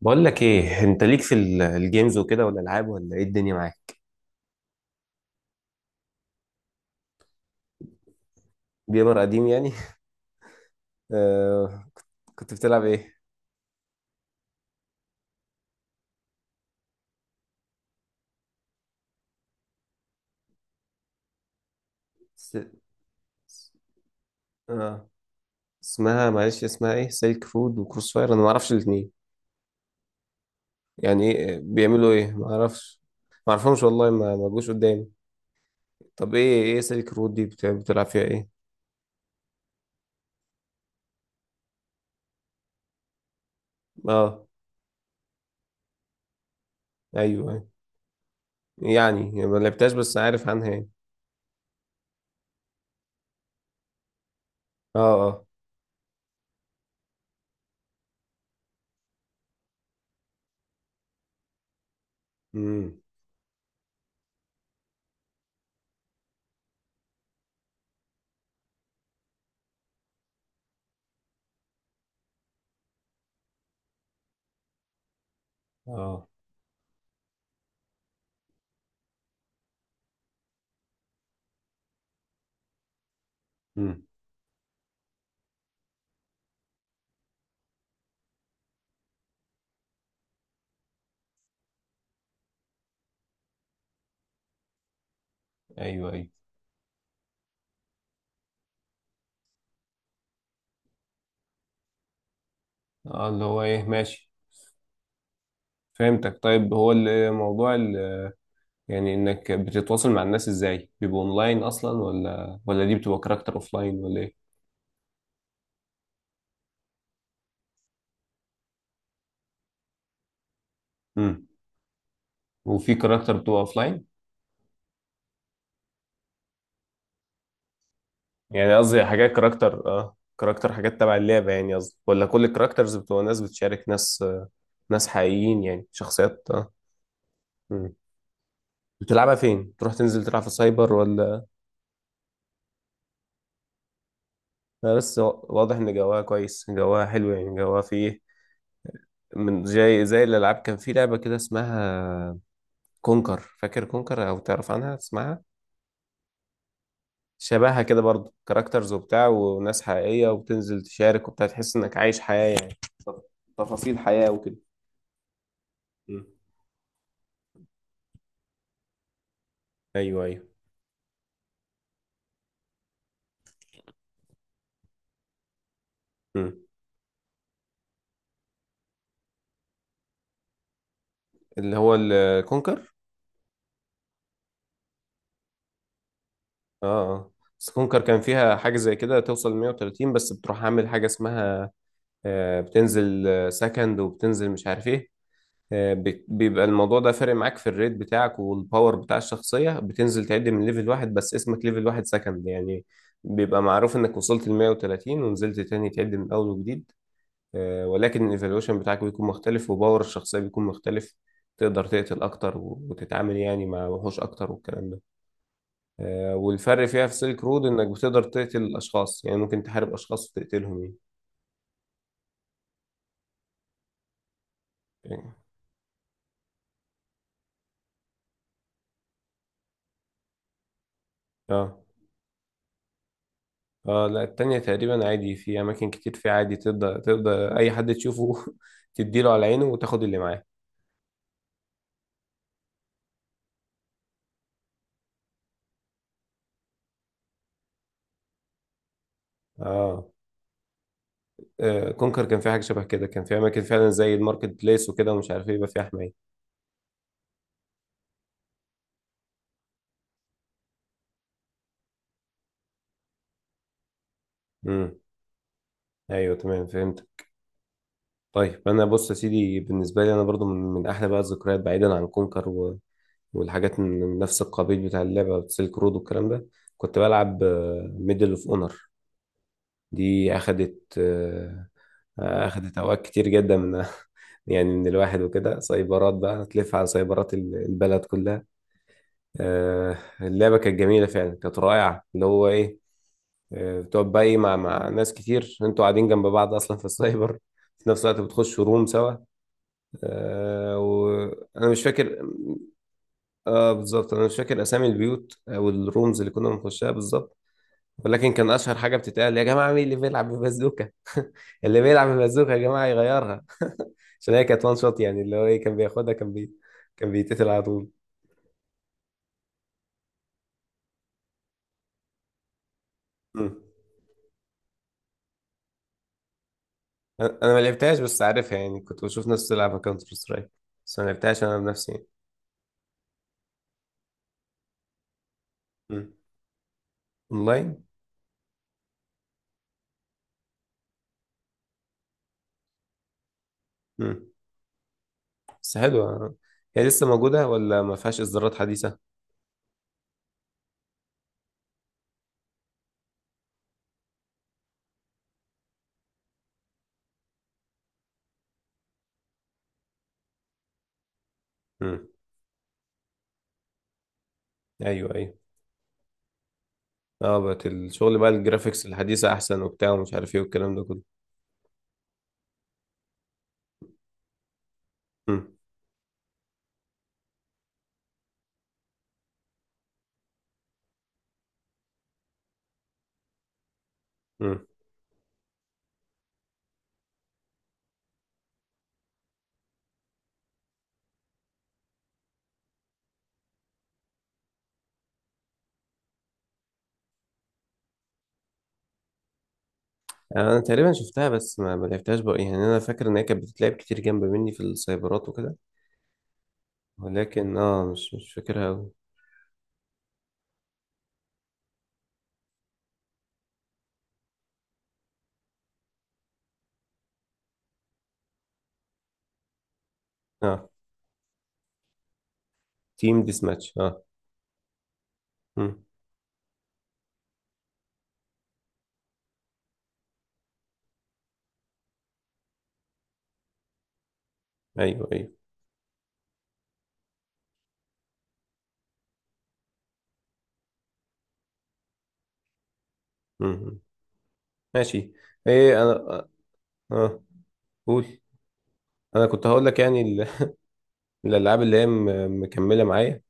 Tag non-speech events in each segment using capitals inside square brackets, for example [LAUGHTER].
بقول لك ايه، انت ليك في الجيمز وكده والالعاب، ولا ايه الدنيا معاك؟ جيمر قديم يعني؟ [LAUGHS] آه كنت، كنت بتلعب ايه؟ س... س- آه. اسمها معلش، اسمها ايه؟ سلك فود وكروس فاير، انا ما اعرفش الاثنين. يعني ايه، بيعملوا ايه؟ ما اعرفش، ما اعرفهمش والله، ما جوش قدامي. طب ايه، ايه سلك رود دي؟ بتلعب فيها ايه؟ اه، ايوه، أيوة. يعني يعني ما لعبتهاش بس عارف عنها يعني. اه اه. امم. اه. امم. ايوه ايوه. اه اللي هو ايه، ماشي. فهمتك. طيب هو الموضوع يعني انك بتتواصل مع الناس ازاي؟ بيبقى اونلاين اصلا، ولا دي بتبقى كاركتر اوفلاين، ولا ايه؟ امم. وفي كاركتر بتبقى اوفلاين؟ يعني قصدي حاجات كاركتر، اه كاركتر حاجات تبع اللعبة يعني، قصدي، ولا كل الكاركترز بتبقى ناس بتشارك، ناس آه، ناس حقيقيين يعني، شخصيات اه. امم. بتلعبها فين؟ بتروح تنزل تلعب في سايبر ولا؟ آه، بس واضح ان جواها كويس، جواها حلو يعني، جواها فيه. من زي، زي الالعاب كان في لعبة كده اسمها كونكر، فاكر كونكر او تعرف عنها، تسمعها؟ شبهها كده برضو، كاركترز وبتاع وناس حقيقية، وبتنزل تشارك وبتاع، تحس انك عايش حياة يعني، تف- تفاصيل حياة وكده. مم. ايوه ايوه. مم. اللي هو الكونكر؟ اه اه. بس كونكر كان فيها حاجة زي كده، توصل 130 بس بتروح عامل حاجة اسمها آه، بتنزل آه، سكند، وبتنزل مش عارف ايه، آه، بيبقى الموضوع ده فارق معاك في الريت بتاعك والباور بتاع الشخصية، بتنزل تعد من ليفل واحد، بس اسمك ليفل واحد سكند يعني، بيبقى معروف انك وصلت ل 130 ونزلت تاني تعد من اول وجديد، آه، ولكن الايفالويشن بتاعك بيكون مختلف، وباور الشخصية بيكون مختلف. تقدر تقتل اكتر، وتتعامل يعني مع وحوش اكتر والكلام ده، آه، والفرق فيها في سيلك رود انك بتقدر تقتل الاشخاص يعني، ممكن تحارب اشخاص وتقتلهم. يعني. اه اه لا، التانية تقريبا عادي، في أماكن كتير في عادي تقدر، تقدر أي حد تشوفه [LAUGHS] تديله على عينه وتاخد اللي معاه. اه آه، كونكر كان في حاجة شبه كده، كان في أماكن فعلا زي الماركت بليس وكده ومش عارف ايه، يبقى فيها حماية. امم. أيوه تمام، فهمت. طيب أنا بص يا سيدي، بالنسبة لي أنا برضو من أحلى بقى الذكريات بعيدا عن كونكر والحاجات من نفس القبيل بتاع اللعبة سيلك رود والكلام ده، كنت بلعب ميدل اوف اونر. دي أخدت آه، أخدت أوقات كتير جدا من [LAUGHS] يعني، من الواحد وكده سايبرات بقى، هتلف على سايبرات البلد كلها. آه، اللعبة كانت جميلة فعلا، كانت رائعة اللي هو ايه، آه، بتقعد بقى إيه، مع مع ناس كتير انتوا قاعدين جنب بعض اصلا في السايبر في نفس الوقت، بتخشوا روم سوا، آه، وانا مش فاكر. اه بالظبط، انا مش فاكر اسامي البيوت او الرومز اللي كنا بنخشها بالظبط، ولكن كان اشهر حاجه بتتقال: يا جماعه مين اللي بيلعب ببازوكه؟ [LAUGHS] اللي بيلعب ببازوكه يا جماعه يغيرها، [LAUGHS] عشان هي كانت وان شوت يعني، اللي هو ايه كان بياخدها كان بي، كان بيتقتل على طول. مم. أنا ما لعبتهاش بس عارفها يعني، كنت بشوف ناس تلعب كاونتر سترايك بس ما لعبتهاش انا بنفسي يعني. مم. اونلاين. مم. بس حلوه، هي لسه موجوده ولا ما فيهاش اصدارات حديثه؟ مم. ايوه ايوه. اه بقت الشغل بقى، الجرافيكس الحديثه احسن وبتاع ومش عارف ايه والكلام ده كله. مم. مم. يعني انا تقريبا شفتها بس ما لعبتهاش بقى يعني، انا فاكر ان هي كانت بتتلعب كتير جنب مني في السايبرات وكده، ولكن اه مش فاكرها قوي. اه تيم ديس ماتش اه. مم. ايوه ايوه. مم. ماشي. ايه انا اه آه، قول. انا كنت هقول لك يعني [LAUGHS] الالعاب اللي هي مكمله معايا يعني.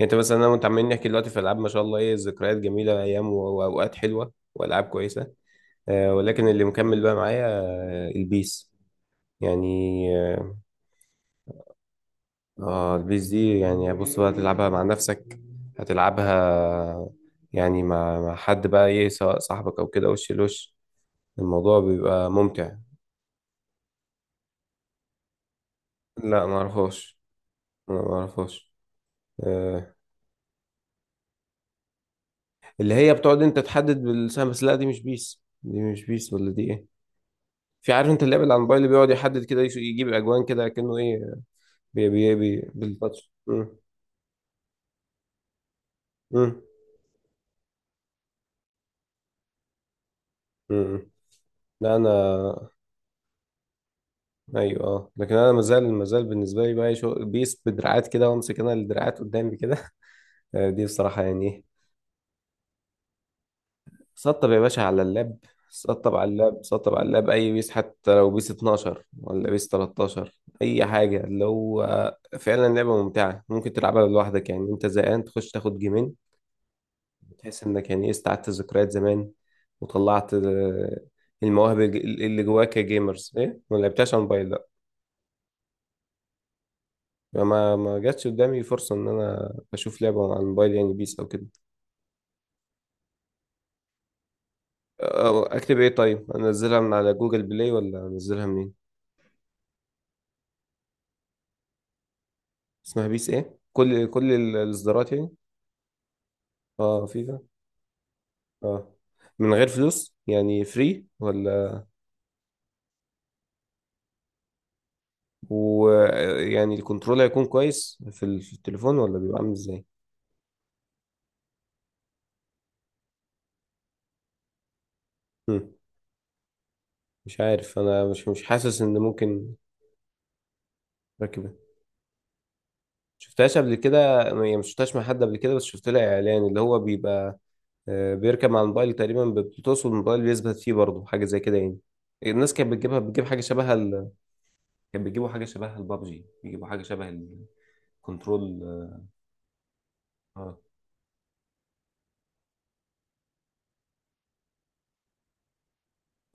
انت مثلا انا وانت عمالين نحكي دلوقتي في العاب ما شاء الله، ايه ذكريات جميله، ايام واوقات حلوه والعاب كويسه، آه، ولكن اللي مكمل بقى معايا آه البيس يعني، آه. اه البيس دي يعني، بص بقى تلعبها مع نفسك، هتلعبها يعني مع، مع حد بقى ايه، سواء صاحبك او كده وش لوش، الموضوع بيبقى ممتع. لا ما اعرفهاش، ما اعرفهاش. آه. اللي هي بتقعد انت تحدد بالسهم بس؟ لا دي مش بيس، دي مش بيس ولا دي ايه؟ في، عارف انت اللعبة اللي على الموبايل اللي بيقعد يحدد كده، يجيب اجوان كده كأنه ايه، بي بالتاتش. مم. مم. مم. لا انا، ايوه اه لكن انا مازال بالنسبه لي بقى شغل بيس بدراعات كده، وامسك انا الدراعات قدامي كده، [LAUGHS] آه، دي بصراحه يعني ايه، سطب يا باشا على اللاب، سطب على اللاب، سطب على اللاب اي بيس، حتى لو بيس 12 ولا بيس 13، اي حاجه، اللي هو فعلا لعبه ممتعه، ممكن تلعبها لوحدك يعني، انت زهقان تخش تاخد جيمين، تحس انك يعني ايه استعدت ذكريات زمان، وطلعت آه، المواهب اللي جواك يا جيمرز ايه. ما لعبتهاش على الموبايل يعني، ما جاتش قدامي فرصة إن أنا أشوف لعبة على الموبايل، يعني بيس أو كده. أه، أكتب إيه طيب؟ أنزلها من على جوجل بلاي ولا أنزلها منين؟ اسمها بيس إيه؟ كل الإصدارات يعني؟ أه فيفا؟ أه، من غير فلوس؟ يعني فري ولا؟ ويعني الكنترول هيكون كويس في في التليفون، ولا بيبقى عامل إزاي؟ هم، مش عارف، أنا مش حاسس إن ممكن أركبها. شفتهاش قبل كده يعني، مش شفتهاش مع حد قبل كده، بس شفت لها إعلان اللي هو بيبقى آه، بيركب مع الموبايل تقريبا، بتوصل الموبايل، بيثبت فيه برضه حاجه زي كده يعني، الناس كانت بتجيبها، بتجيب حاجه شبه كانت بتجيبوا حاجه شبه البابجي، بيجيبوا حاجه شبه الكنترول. اه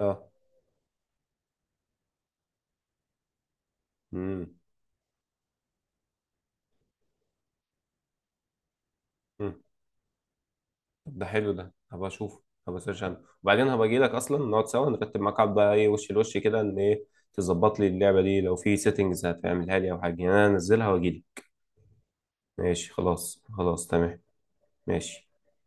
اه. امم. أمم. طب ده حلو، ده هبقى اشوفه، هبقى اسيرش عنه وبعدين هبقى اجي لك، اصلا نقعد سوا نرتب معاك، قعد بقى ايه وش لوش كده ان ايه، تظبط لي اللعبه دي لو في سيتنجز هتعملها لي او حاجه يعني، انا انزلها واجي لي. ماشي خلاص، خلاص تمام. ماشي.